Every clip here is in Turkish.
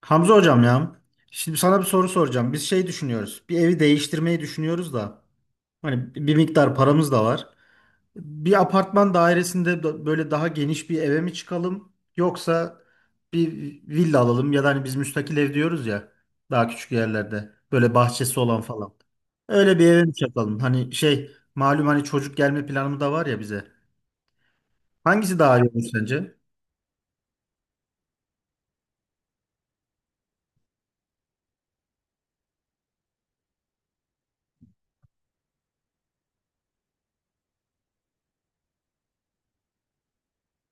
Hamza hocam ya. Şimdi sana bir soru soracağım. Biz şey düşünüyoruz. Bir evi değiştirmeyi düşünüyoruz da. Hani bir miktar paramız da var. Bir apartman dairesinde böyle daha geniş bir eve mi çıkalım? Yoksa bir villa alalım ya da hani biz müstakil ev diyoruz ya. Daha küçük yerlerde. Böyle bahçesi olan falan. Öyle bir eve mi çıkalım? Hani şey malum hani çocuk gelme planı da var ya bize. Hangisi daha iyi olur sence?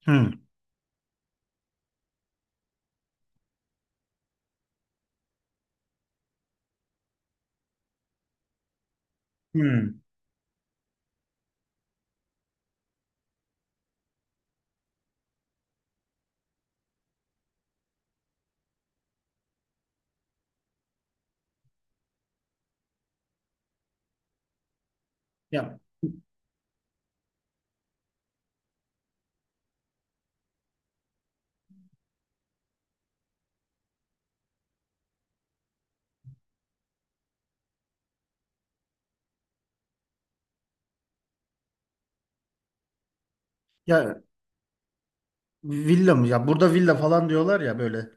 Hmm. Hmm. Ya, ya, villa mı? Ya burada villa falan diyorlar ya böyle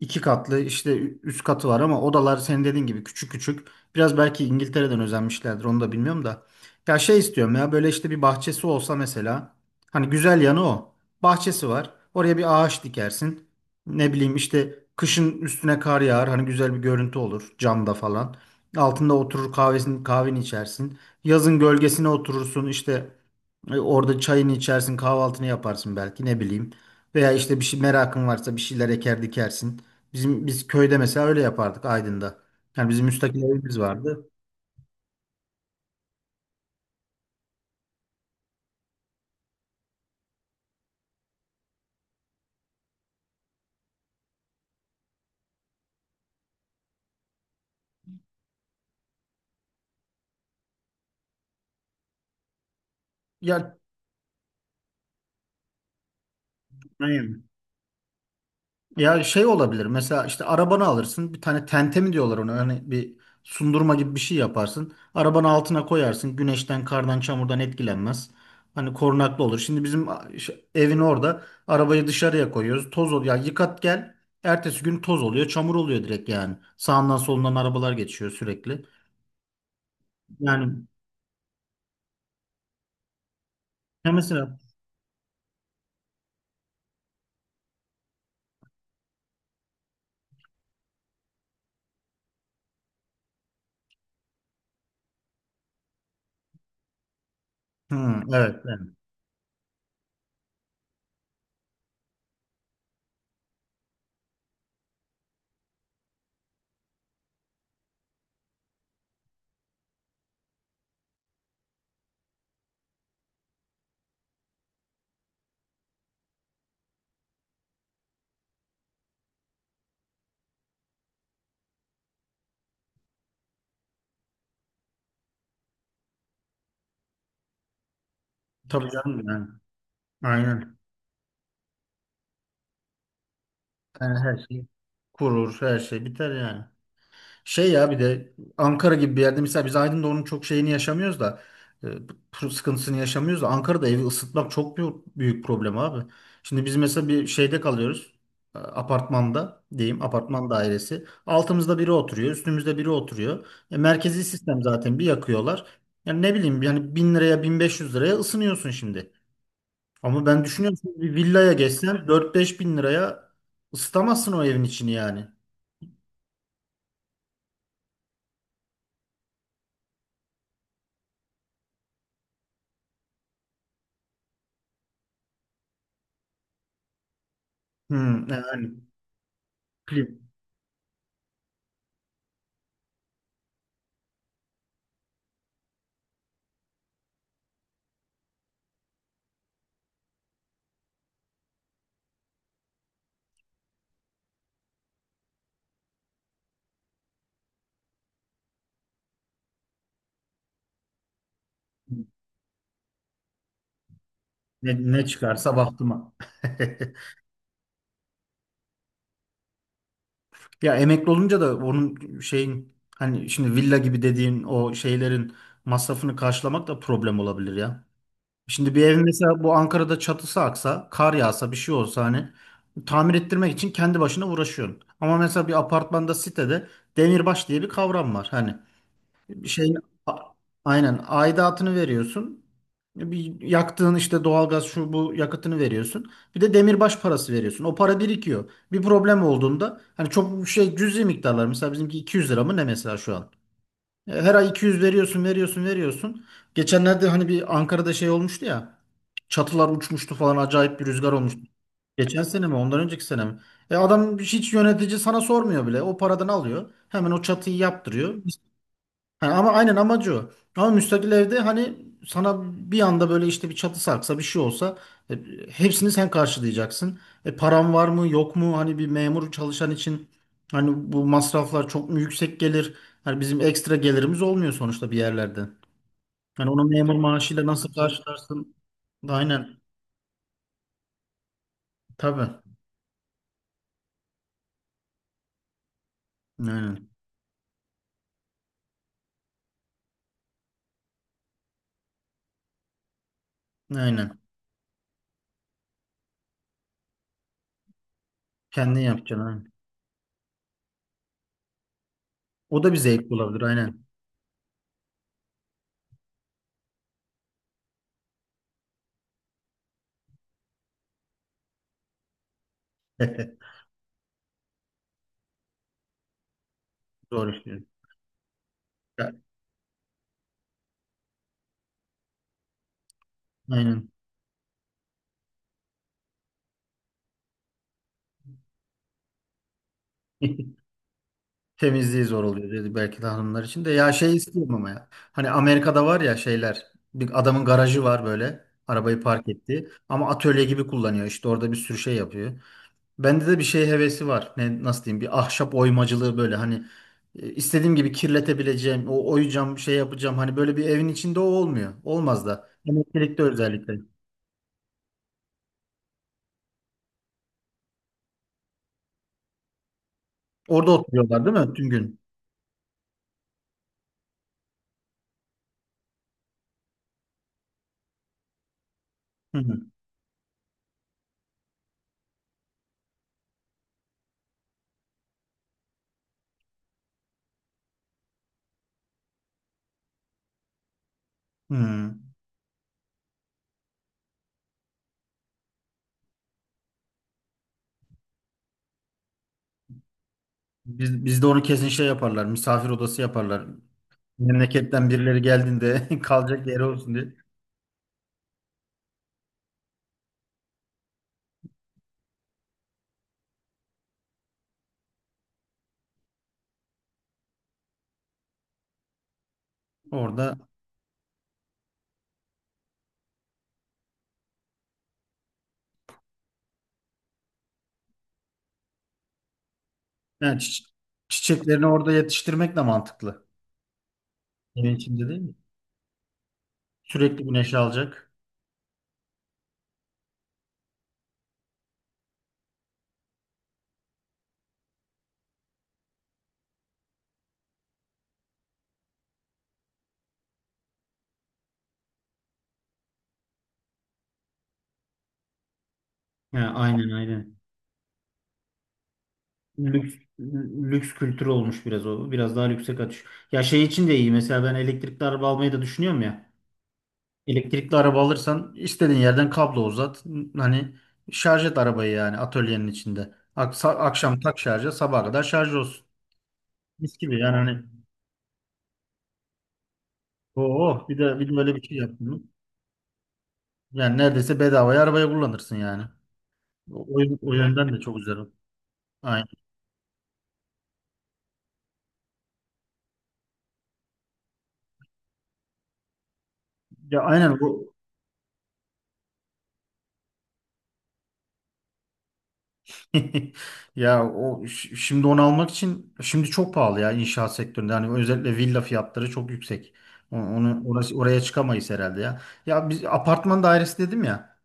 iki katlı işte üst katı var ama odalar senin dediğin gibi küçük küçük. Biraz belki İngiltere'den özenmişlerdir onu da bilmiyorum da. Ya şey istiyorum ya böyle işte bir bahçesi olsa mesela. Hani güzel yanı o. Bahçesi var. Oraya bir ağaç dikersin. Ne bileyim işte kışın üstüne kar yağar. Hani güzel bir görüntü olur camda falan. Altında oturur kahveni içersin. Yazın gölgesine oturursun işte orada çayını içersin kahvaltını yaparsın belki ne bileyim. Veya işte bir şey merakın varsa bir şeyler eker dikersin. Biz köyde mesela öyle yapardık Aydın'da. Yani bizim müstakil evimiz vardı. Ya, aynen. Ya şey olabilir. Mesela işte arabanı alırsın. Bir tane tente mi diyorlar ona? Hani bir sundurma gibi bir şey yaparsın. Arabanı altına koyarsın. Güneşten, kardan, çamurdan etkilenmez. Hani korunaklı olur. Şimdi bizim evin orada arabayı dışarıya koyuyoruz. Toz oluyor. Ya yıkat gel. Ertesi gün toz oluyor, çamur oluyor direkt yani. Sağından solundan arabalar geçiyor sürekli. Yani. Ya mesela. Hı, evet yani. Tabii canım yani. Aynen. Yani her şey kurur, her şey biter yani. Şey ya bir de Ankara gibi bir yerde mesela biz Aydın'da onun çok şeyini yaşamıyoruz da e, bu sıkıntısını yaşamıyoruz da Ankara'da evi ısıtmak çok büyük problem abi. Şimdi biz mesela bir şeyde kalıyoruz. Apartmanda diyeyim apartman dairesi. Altımızda biri oturuyor, üstümüzde biri oturuyor. Merkezi sistem zaten bir yakıyorlar. Yani ne bileyim yani 1.000 liraya 1.500 liraya ısınıyorsun şimdi. Ama ben düşünüyorum şimdi bir villaya geçsen 4-5 bin liraya ısıtamazsın o evin içini yani. Hmm, yani plim. Ne çıkarsa baktıma. Ya emekli olunca da onun şeyin hani şimdi villa gibi dediğin o şeylerin masrafını karşılamak da problem olabilir ya. Şimdi bir evin mesela bu Ankara'da çatısı aksa, kar yağsa, bir şey olsa hani tamir ettirmek için kendi başına uğraşıyorsun. Ama mesela bir apartmanda sitede demirbaş diye bir kavram var. Hani şey, a- aynen aidatını veriyorsun. Bir yaktığın işte doğalgaz şu bu yakıtını veriyorsun. Bir de demirbaş parası veriyorsun. O para birikiyor. Bir problem olduğunda hani çok şey cüzi miktarlar. Mesela bizimki 200 lira mı ne mesela şu an. Her ay 200 veriyorsun, veriyorsun, veriyorsun. Geçenlerde hani bir Ankara'da şey olmuştu ya. Çatılar uçmuştu falan acayip bir rüzgar olmuştu. Geçen sene mi ondan önceki sene mi? E, adam hiç yönetici sana sormuyor bile. O paradan alıyor. Hemen o çatıyı yaptırıyor. Ha, ama aynen amacı o. Ama müstakil evde hani sana bir anda böyle işte bir çatı sarksa bir şey olsa e, hepsini sen karşılayacaksın. Param var mı yok mu hani bir memur çalışan için hani bu masraflar çok mu yüksek gelir? Hani bizim ekstra gelirimiz olmuyor sonuçta bir yerlerden. Hani onu memur maaşıyla nasıl karşılarsın? Aynen tabii. Aynen. Aynen. Kendin yapacaksın. Aynen. O da bir zevk olabilir aynen. Doğru söylüyorsun. Ya, aynen. Temizliği zor oluyor dedi belki de hanımlar için de. Ya şey istiyorum ama ya. Hani Amerika'da var ya şeyler. Bir adamın garajı var böyle. Arabayı park etti. Ama atölye gibi kullanıyor. İşte orada bir sürü şey yapıyor. Bende de bir şey hevesi var. Nasıl diyeyim? Bir ahşap oymacılığı böyle hani istediğim gibi kirletebileceğim, o oyacağım, şey yapacağım. Hani böyle bir evin içinde o olmuyor. Olmaz da. Emeklilikte özellikle. Orada oturuyorlar değil mi? Tüm gün. Hı hı. Hı. Bizde onu kesin şey yaparlar. Misafir odası yaparlar. Memleketten birileri geldiğinde kalacak yeri olsun diye. Orada yani çiçeklerini orada yetiştirmek de mantıklı. Evin içinde değil mi? Sürekli güneş alacak. Ha, aynen aynen. Lüks, lüks kültürü olmuş biraz o. Biraz daha lükse kaçış. Ya şey için de iyi. Mesela ben elektrikli araba almayı da düşünüyorum ya. Elektrikli araba alırsan istediğin yerden kablo uzat. Hani şarj et arabayı yani atölyenin içinde. Aksa, akşam tak şarja sabaha kadar şarj olsun. Mis gibi yani hani oh oh, bir de böyle bir şey yaptın mı? Yani neredeyse bedavaya arabayı kullanırsın yani. O yönden de çok güzel. Aynen. Ya aynen bu ya o şimdi onu almak için şimdi çok pahalı ya inşaat sektöründe. Yani özellikle villa fiyatları çok yüksek. Oraya çıkamayız herhalde ya. Ya biz apartman dairesi dedim ya.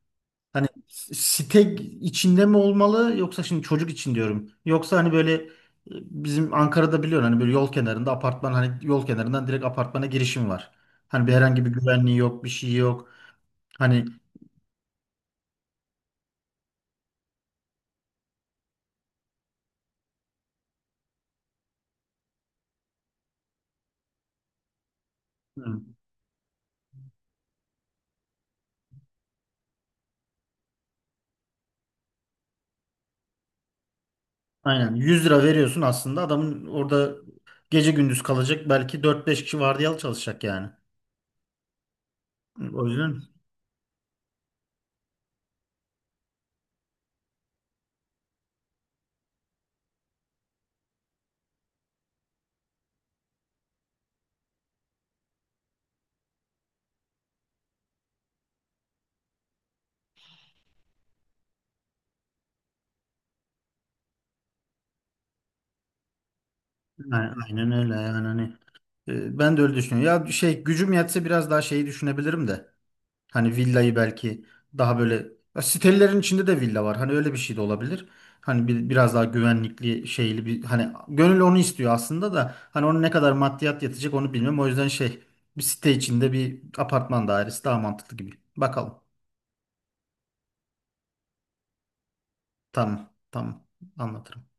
Hani site içinde mi olmalı yoksa şimdi çocuk için diyorum. Yoksa hani böyle bizim Ankara'da biliyorsun hani böyle yol kenarında apartman hani yol kenarından direkt apartmana girişim var. Hani bir herhangi bir güvenliği yok, bir şey yok. Hani hı, aynen 100 lira veriyorsun aslında adamın orada gece gündüz kalacak belki dört beş kişi vardiyalı çalışacak yani. O yüzden aynen aynen öyle yani hani ben de öyle düşünüyorum. Ya şey gücüm yetse biraz daha şeyi düşünebilirim de. Hani villayı belki daha böyle ya sitelerin içinde de villa var. Hani öyle bir şey de olabilir. Hani bir, biraz daha güvenlikli şeyli bir hani gönül onu istiyor aslında da hani onun ne kadar maddiyat yatacak onu bilmiyorum. O yüzden şey bir site içinde bir apartman dairesi daha mantıklı gibi. Bakalım. Tamam. Tamam. Anlatırım.